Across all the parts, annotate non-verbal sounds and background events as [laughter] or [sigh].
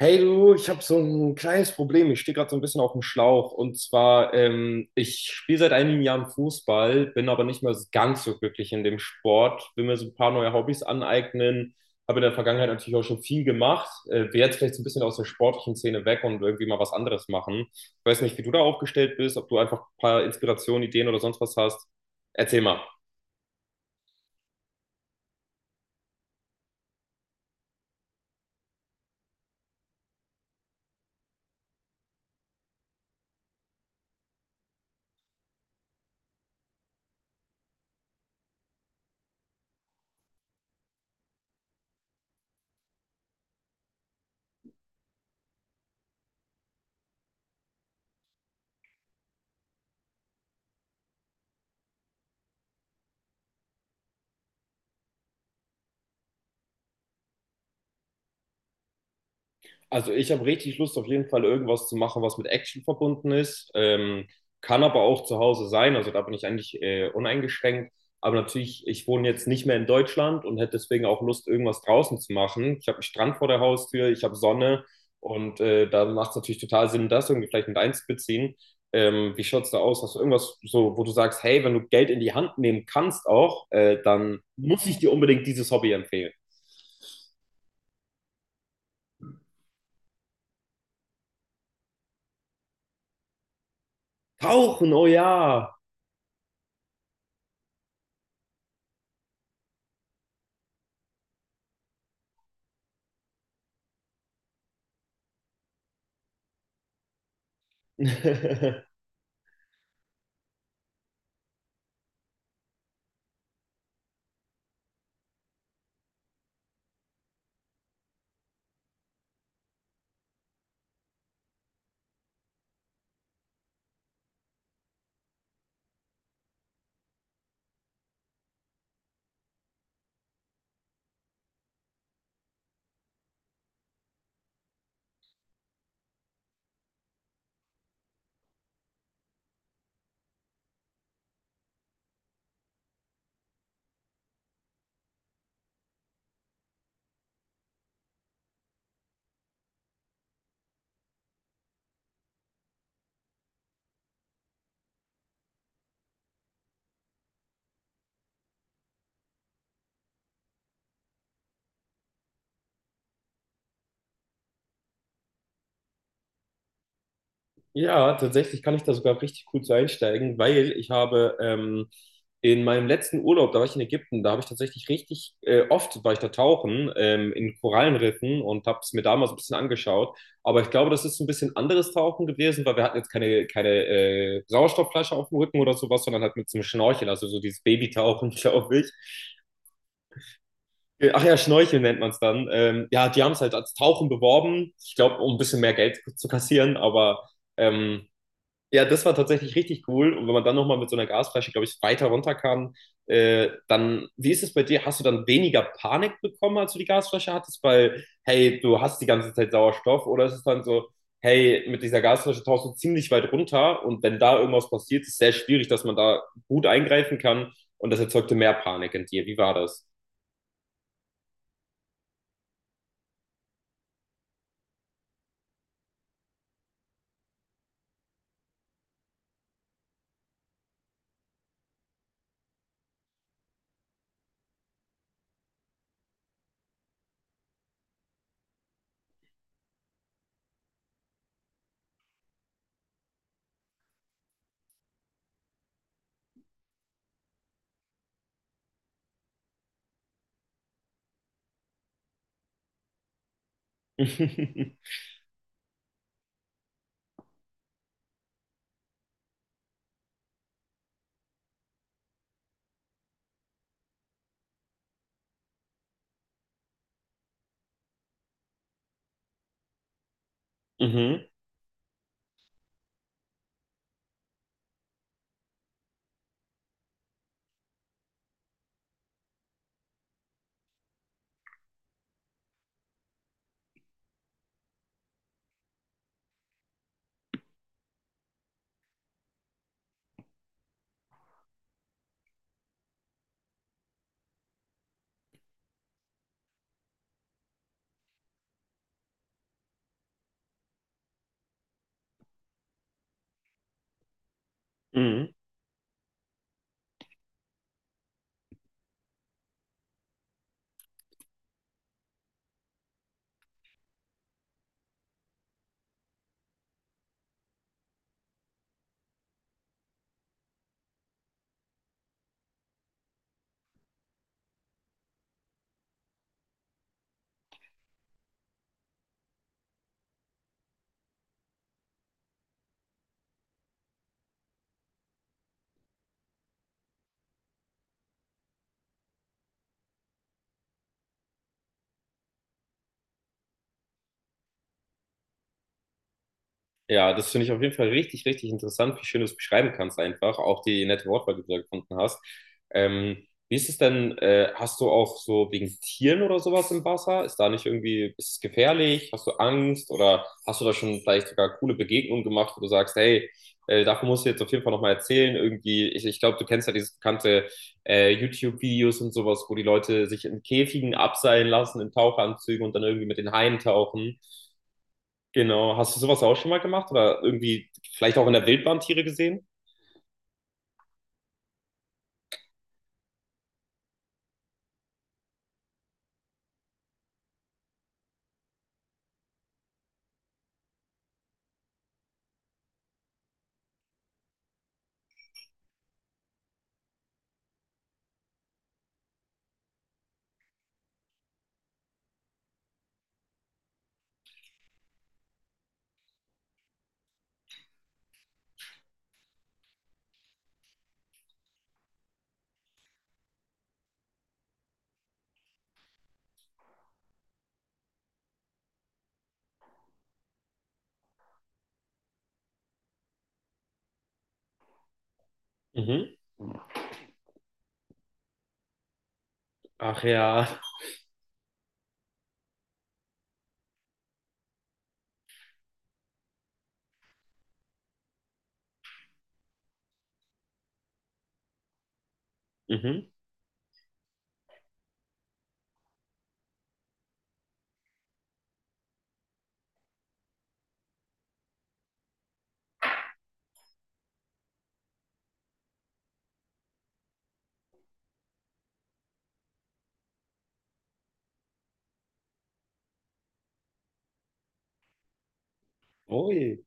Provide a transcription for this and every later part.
Hey du, ich habe so ein kleines Problem. Ich stehe gerade so ein bisschen auf dem Schlauch. Und zwar, ich spiele seit einigen Jahren Fußball, bin aber nicht mehr ganz so glücklich in dem Sport. Will mir so ein paar neue Hobbys aneignen. Habe in der Vergangenheit natürlich auch schon viel gemacht. Will jetzt vielleicht so ein bisschen aus der sportlichen Szene weg und irgendwie mal was anderes machen. Ich weiß nicht, wie du da aufgestellt bist, ob du einfach ein paar Inspirationen, Ideen oder sonst was hast. Erzähl mal. Also ich habe richtig Lust, auf jeden Fall irgendwas zu machen, was mit Action verbunden ist. Kann aber auch zu Hause sein. Also da bin ich eigentlich uneingeschränkt. Aber natürlich, ich wohne jetzt nicht mehr in Deutschland und hätte deswegen auch Lust, irgendwas draußen zu machen. Ich habe einen Strand vor der Haustür, ich habe Sonne und da macht es natürlich total Sinn, das irgendwie vielleicht mit einzubeziehen. Wie schaut es da aus? Hast du irgendwas so, wo du sagst, hey, wenn du Geld in die Hand nehmen kannst auch, dann muss ich dir unbedingt dieses Hobby empfehlen. Tauchen, oh ja. [laughs] Ja, tatsächlich kann ich da sogar richtig gut so einsteigen, weil ich habe in meinem letzten Urlaub, da war ich in Ägypten, da habe ich tatsächlich richtig oft war ich da tauchen in Korallenriffen und habe es mir damals so ein bisschen angeschaut. Aber ich glaube, das ist ein bisschen anderes Tauchen gewesen, weil wir hatten jetzt keine, keine Sauerstoffflasche auf dem Rücken oder sowas, sondern halt mit so einem Schnorchel, also so dieses Babytauchen, [laughs] glaube ich. Ach ja, Schnorcheln nennt man es dann. Ja, die haben es halt als Tauchen beworben, ich glaube, um ein bisschen mehr Geld zu kassieren, aber. Ähm, ja, das war tatsächlich richtig cool. Und wenn man dann nochmal mit so einer Gasflasche, glaube ich, weiter runterkam, dann, wie ist es bei dir? Hast du dann weniger Panik bekommen, als du die Gasflasche hattest? Weil, hey, du hast die ganze Zeit Sauerstoff. Oder ist es dann so, hey, mit dieser Gasflasche tauchst du ziemlich weit runter und wenn da irgendwas passiert, ist es sehr schwierig, dass man da gut eingreifen kann und das erzeugte mehr Panik in dir. Wie war das? [laughs] Mhm. Mhm. Ja, das finde ich auf jeden Fall richtig, richtig interessant, wie schön du es beschreiben kannst einfach, auch die nette Wortwahl, die du da gefunden hast. Wie ist es denn, hast du auch so wegen Tieren oder sowas im Wasser? Ist da nicht irgendwie, ist es gefährlich? Hast du Angst oder hast du da schon vielleicht sogar coole Begegnungen gemacht, wo du sagst, hey, davon musst du jetzt auf jeden Fall nochmal erzählen. Irgendwie, ich glaube, du kennst ja diese bekannte YouTube-Videos und sowas, wo die Leute sich in Käfigen abseilen lassen, in Tauchanzügen und dann irgendwie mit den Haien tauchen. Genau. Hast du sowas auch schon mal gemacht oder irgendwie vielleicht auch in der Wildbahn Tiere gesehen? Mhm. Ach ja. Mhm. Ui.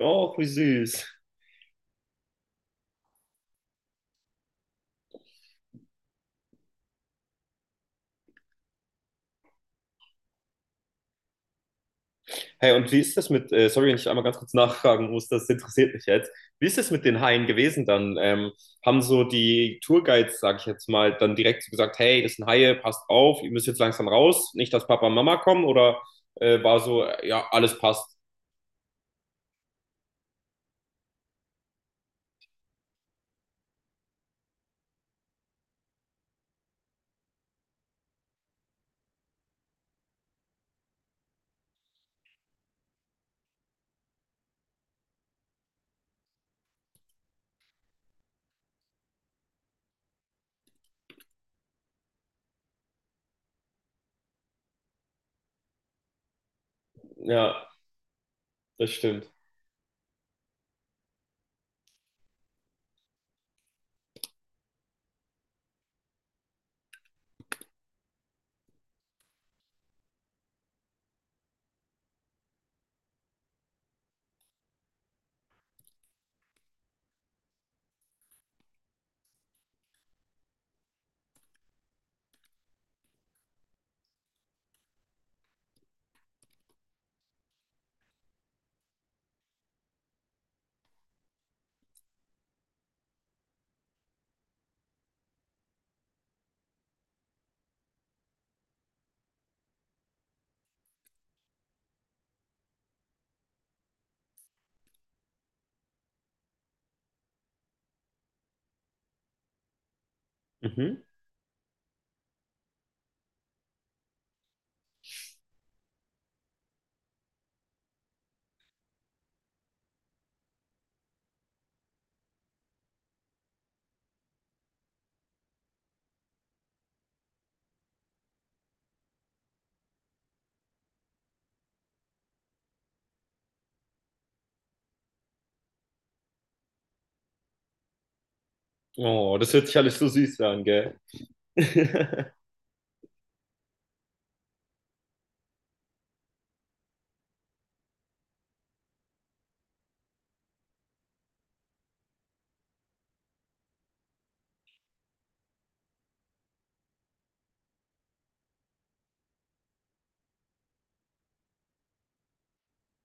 Oh, wie süß. Hey, und wie ist das mit, sorry, wenn ich einmal ganz kurz nachfragen muss, das interessiert mich jetzt. Wie ist das mit den Haien gewesen dann? Haben so die Tourguides, sag ich jetzt mal, dann direkt so gesagt, hey, das sind Haie, passt auf, ihr müsst jetzt langsam raus, nicht, dass Papa und Mama kommen oder war so, ja, alles passt. Ja, das stimmt. Mhm. Oh, das hört sich alles so süß an, gell? [laughs]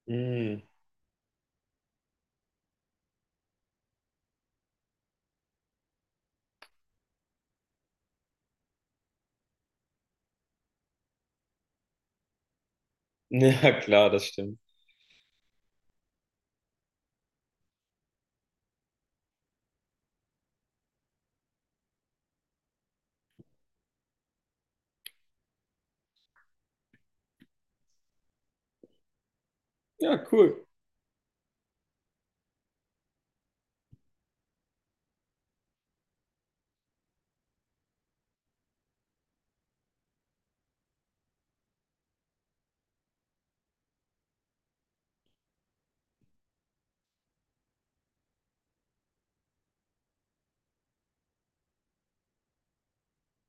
Mm. [laughs] Ja, klar, das stimmt. Ja, cool.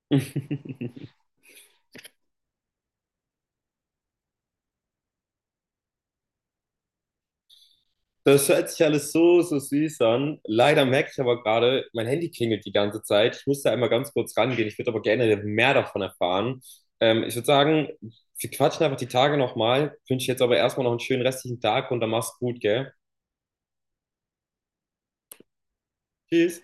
[laughs] Das hört sich alles so, so süß an. Leider merke ich aber gerade, mein Handy klingelt die ganze Zeit. Ich muss da einmal ganz kurz rangehen. Ich würde aber gerne mehr davon erfahren. Ich würde sagen, wir quatschen einfach die Tage nochmal. Wünsche jetzt aber erstmal noch einen schönen restlichen Tag und dann mach's gut, gell? Tschüss.